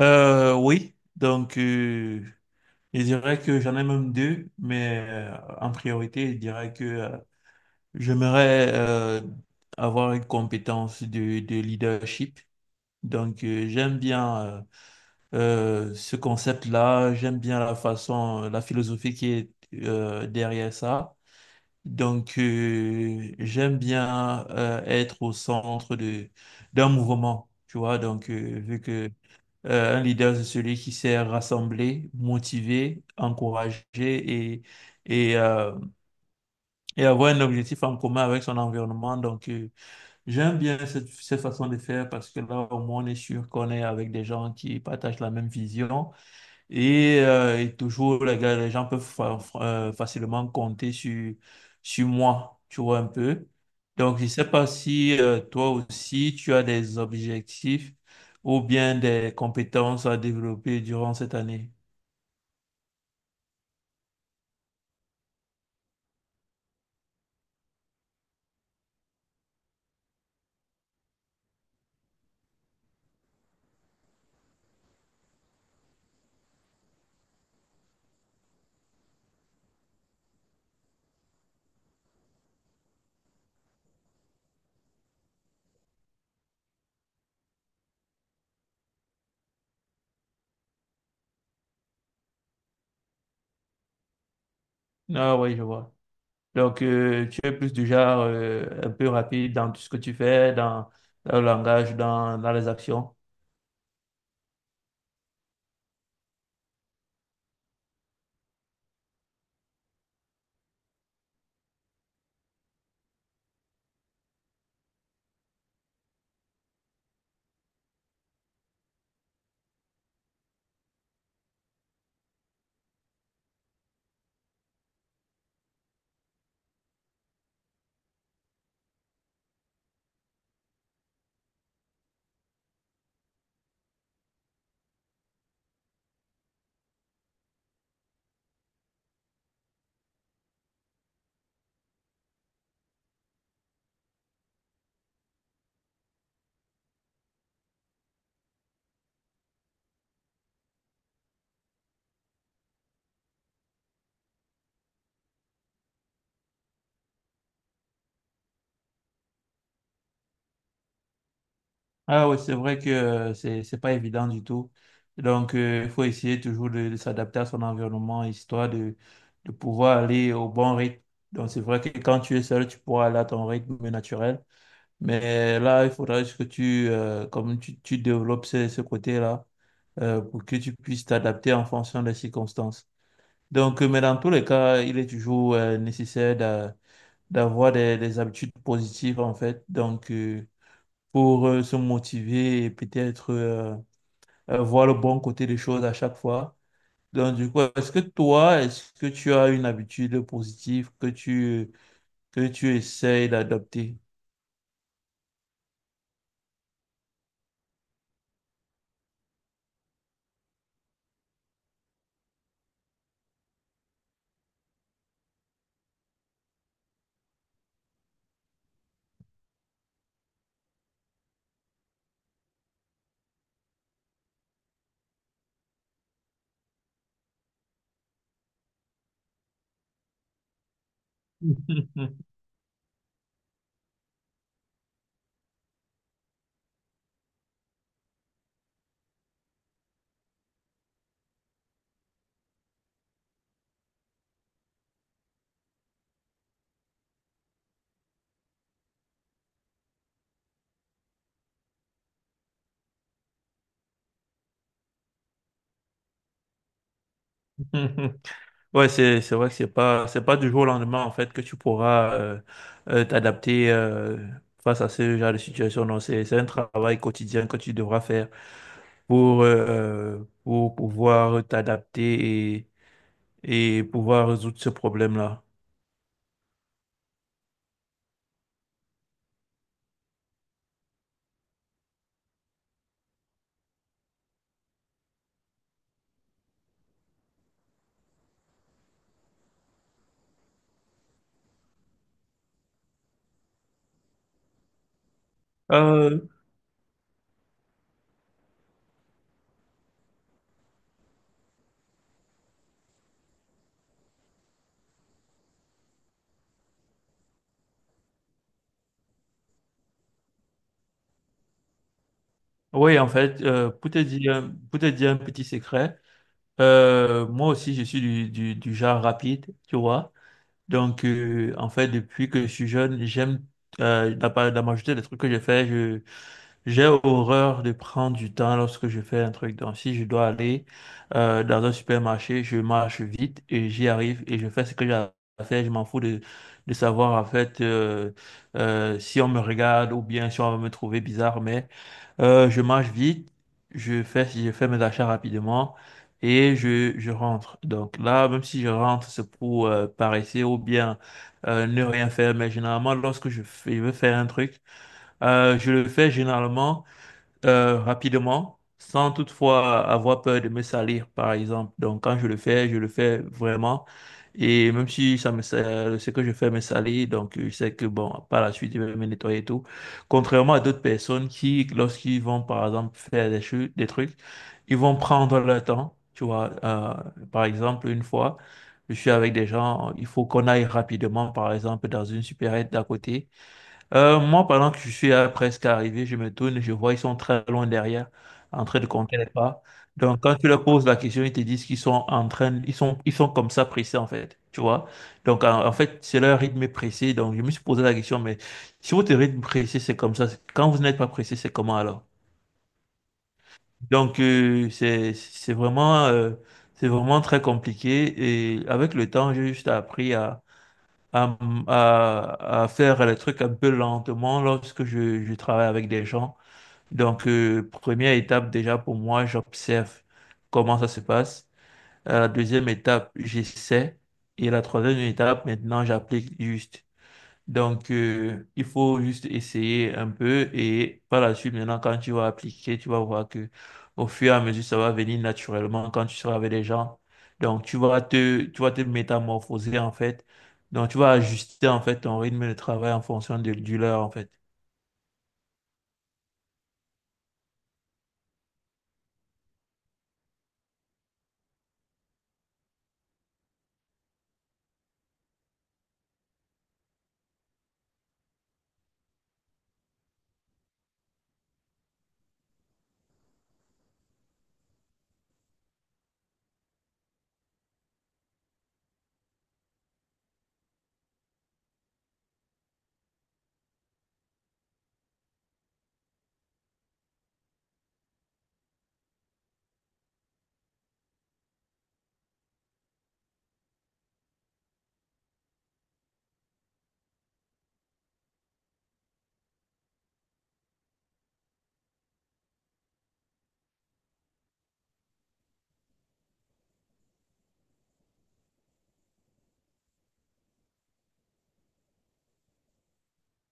Euh, oui, donc euh, je dirais que j'en ai même deux, mais en priorité, je dirais que j'aimerais avoir une compétence de leadership. J'aime bien ce concept-là, j'aime bien la façon, la philosophie qui est derrière ça. J'aime bien être au centre de d'un mouvement, tu vois. Vu que un leader, c'est celui qui sait rassembler, motiver, encourager et, euh, et avoir un objectif en commun avec son environnement. J'aime bien cette façon de faire parce que là, au moins, on est sûr qu'on est avec des gens qui partagent la même vision et toujours, les gens peuvent facilement compter sur moi, tu vois un peu. Donc, je ne sais pas si toi aussi, tu as des objectifs ou bien des compétences à développer durant cette année. Ah oui, je vois. Donc, tu es plus du genre un peu rapide dans tout ce que tu fais, dans le langage, dans les actions. Ah oui, c'est vrai que c'est c'est pas évident du tout. Donc, il faut essayer toujours de s'adapter à son environnement, de pouvoir aller au bon rythme. Donc, c'est vrai que quand tu es seul, tu pourras aller à ton rythme naturel. Mais là, il faudra juste que tu, comme tu développes ce côté-là, pour que tu puisses t'adapter en fonction des circonstances. Donc, mais dans tous les cas, il est toujours nécessaire d'avoir des habitudes positives, en fait. Donc, pour se motiver et peut-être voir le bon côté des choses à chaque fois. Donc, du coup, est-ce que toi, est-ce que tu as une habitude positive que tu essayes d'adopter? Ouais, c'est vrai que c'est pas du jour au lendemain en fait que tu pourras t'adapter face à ce genre de situation. Non, c'est un travail quotidien que tu devras faire pour pouvoir t'adapter et pouvoir résoudre ce problème-là. Euh, oui, en fait, pour te dire un petit secret, moi aussi je suis du genre rapide, tu vois. En fait depuis que je suis jeune, j'aime la majorité des trucs que j'ai fait, j'ai horreur de prendre du temps lorsque je fais un truc. Donc, si je dois aller dans un supermarché, je marche vite et j'y arrive et je fais ce que j'ai à faire. Je m'en fous de savoir en fait si on me regarde ou bien si on va me trouver bizarre. Mais je marche vite, je fais mes achats rapidement et je rentre. Donc là, même si je rentre, c'est pour paresser ou bien ne rien faire. Mais généralement, je veux faire un truc, je le fais généralement rapidement, sans toutefois avoir peur de me salir, par exemple. Donc, quand je le fais vraiment. Et même si ce que je fais me salit, donc je sais que, bon, par la suite, je vais me nettoyer et tout. Contrairement à d'autres personnes qui, lorsqu'ils vont, par exemple, faire des choses, des trucs, ils vont prendre leur temps. Tu vois, par exemple, une fois, je suis avec des gens, il faut qu'on aille rapidement, par exemple, dans une supérette d'à côté. Moi, pendant que je suis presque arrivé, je me tourne, je vois ils sont très loin derrière, en train de compter les pas. Donc, quand tu leur poses la question, ils te disent qu'ils sont en train, ils sont comme ça pressés, en fait, tu vois. Donc, en fait, c'est leur rythme est pressé. Donc, je me suis posé la question, mais si votre rythme pressé, c'est comme ça, c'est- quand vous n'êtes pas pressé, c'est comment alors? Donc, c'est vraiment très compliqué. Et avec le temps, j'ai juste appris à, à faire les trucs un peu lentement lorsque je travaille avec des gens. Donc, première étape déjà pour moi, j'observe comment ça se passe. La deuxième étape, j'essaie. Et la troisième étape, maintenant, j'applique juste. Donc, il faut juste essayer un peu et par la suite, maintenant, quand tu vas appliquer, tu vas voir que au fur et à mesure, ça va venir naturellement quand tu seras avec les gens. Donc, tu vas te métamorphoser, en fait. Donc, tu vas ajuster, en fait, ton rythme de travail en fonction de, du leur, en fait.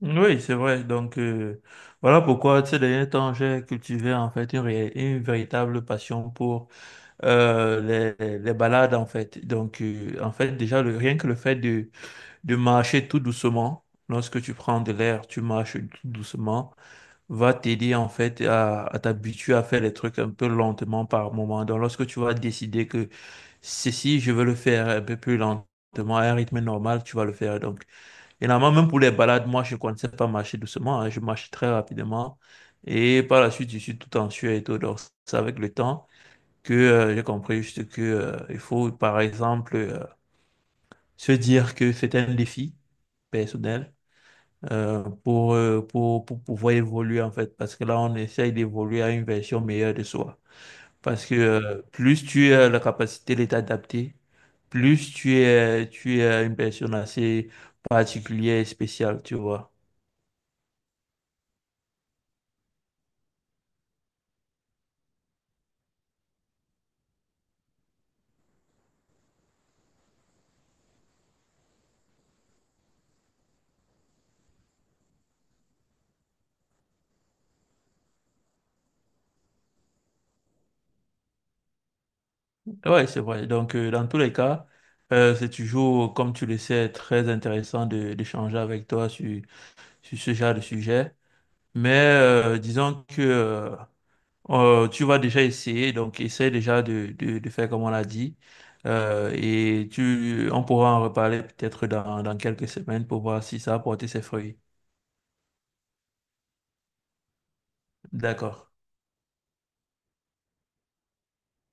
Oui, c'est vrai. Donc, voilà pourquoi ces derniers temps, j'ai cultivé en fait une véritable passion pour euh, les balades, en fait. Donc, en fait, déjà, le, rien que le fait de marcher tout doucement. Lorsque tu prends de l'air, tu marches tout doucement, va t'aider en fait à t'habituer à faire les trucs un peu lentement par moment. Donc lorsque tu vas décider que ceci, je veux le faire un peu plus lentement, à un rythme normal, tu vas le faire. Donc, généralement, même pour les balades, moi, je ne connaissais pas marcher doucement, hein, je marche très rapidement. Et par la suite, je suis tout en sueur et tout. Donc, c'est avec le temps que j'ai compris juste que il faut, par exemple, se dire que c'est un défi personnel pour pouvoir évoluer en fait, parce que là, on essaye d'évoluer à une version meilleure de soi. Parce que plus tu as la capacité de t'adapter, plus tu es une personne assez particulière et spéciale, tu vois. Ouais, c'est vrai. Donc, dans tous les cas, c'est toujours, comme tu le sais, très intéressant d'échanger avec toi sur ce genre de sujet. Mais disons que... tu vas déjà essayer, donc essaie déjà de faire comme on l'a dit. Et on pourra en reparler peut-être dans quelques semaines pour voir si ça a porté ses fruits. D'accord.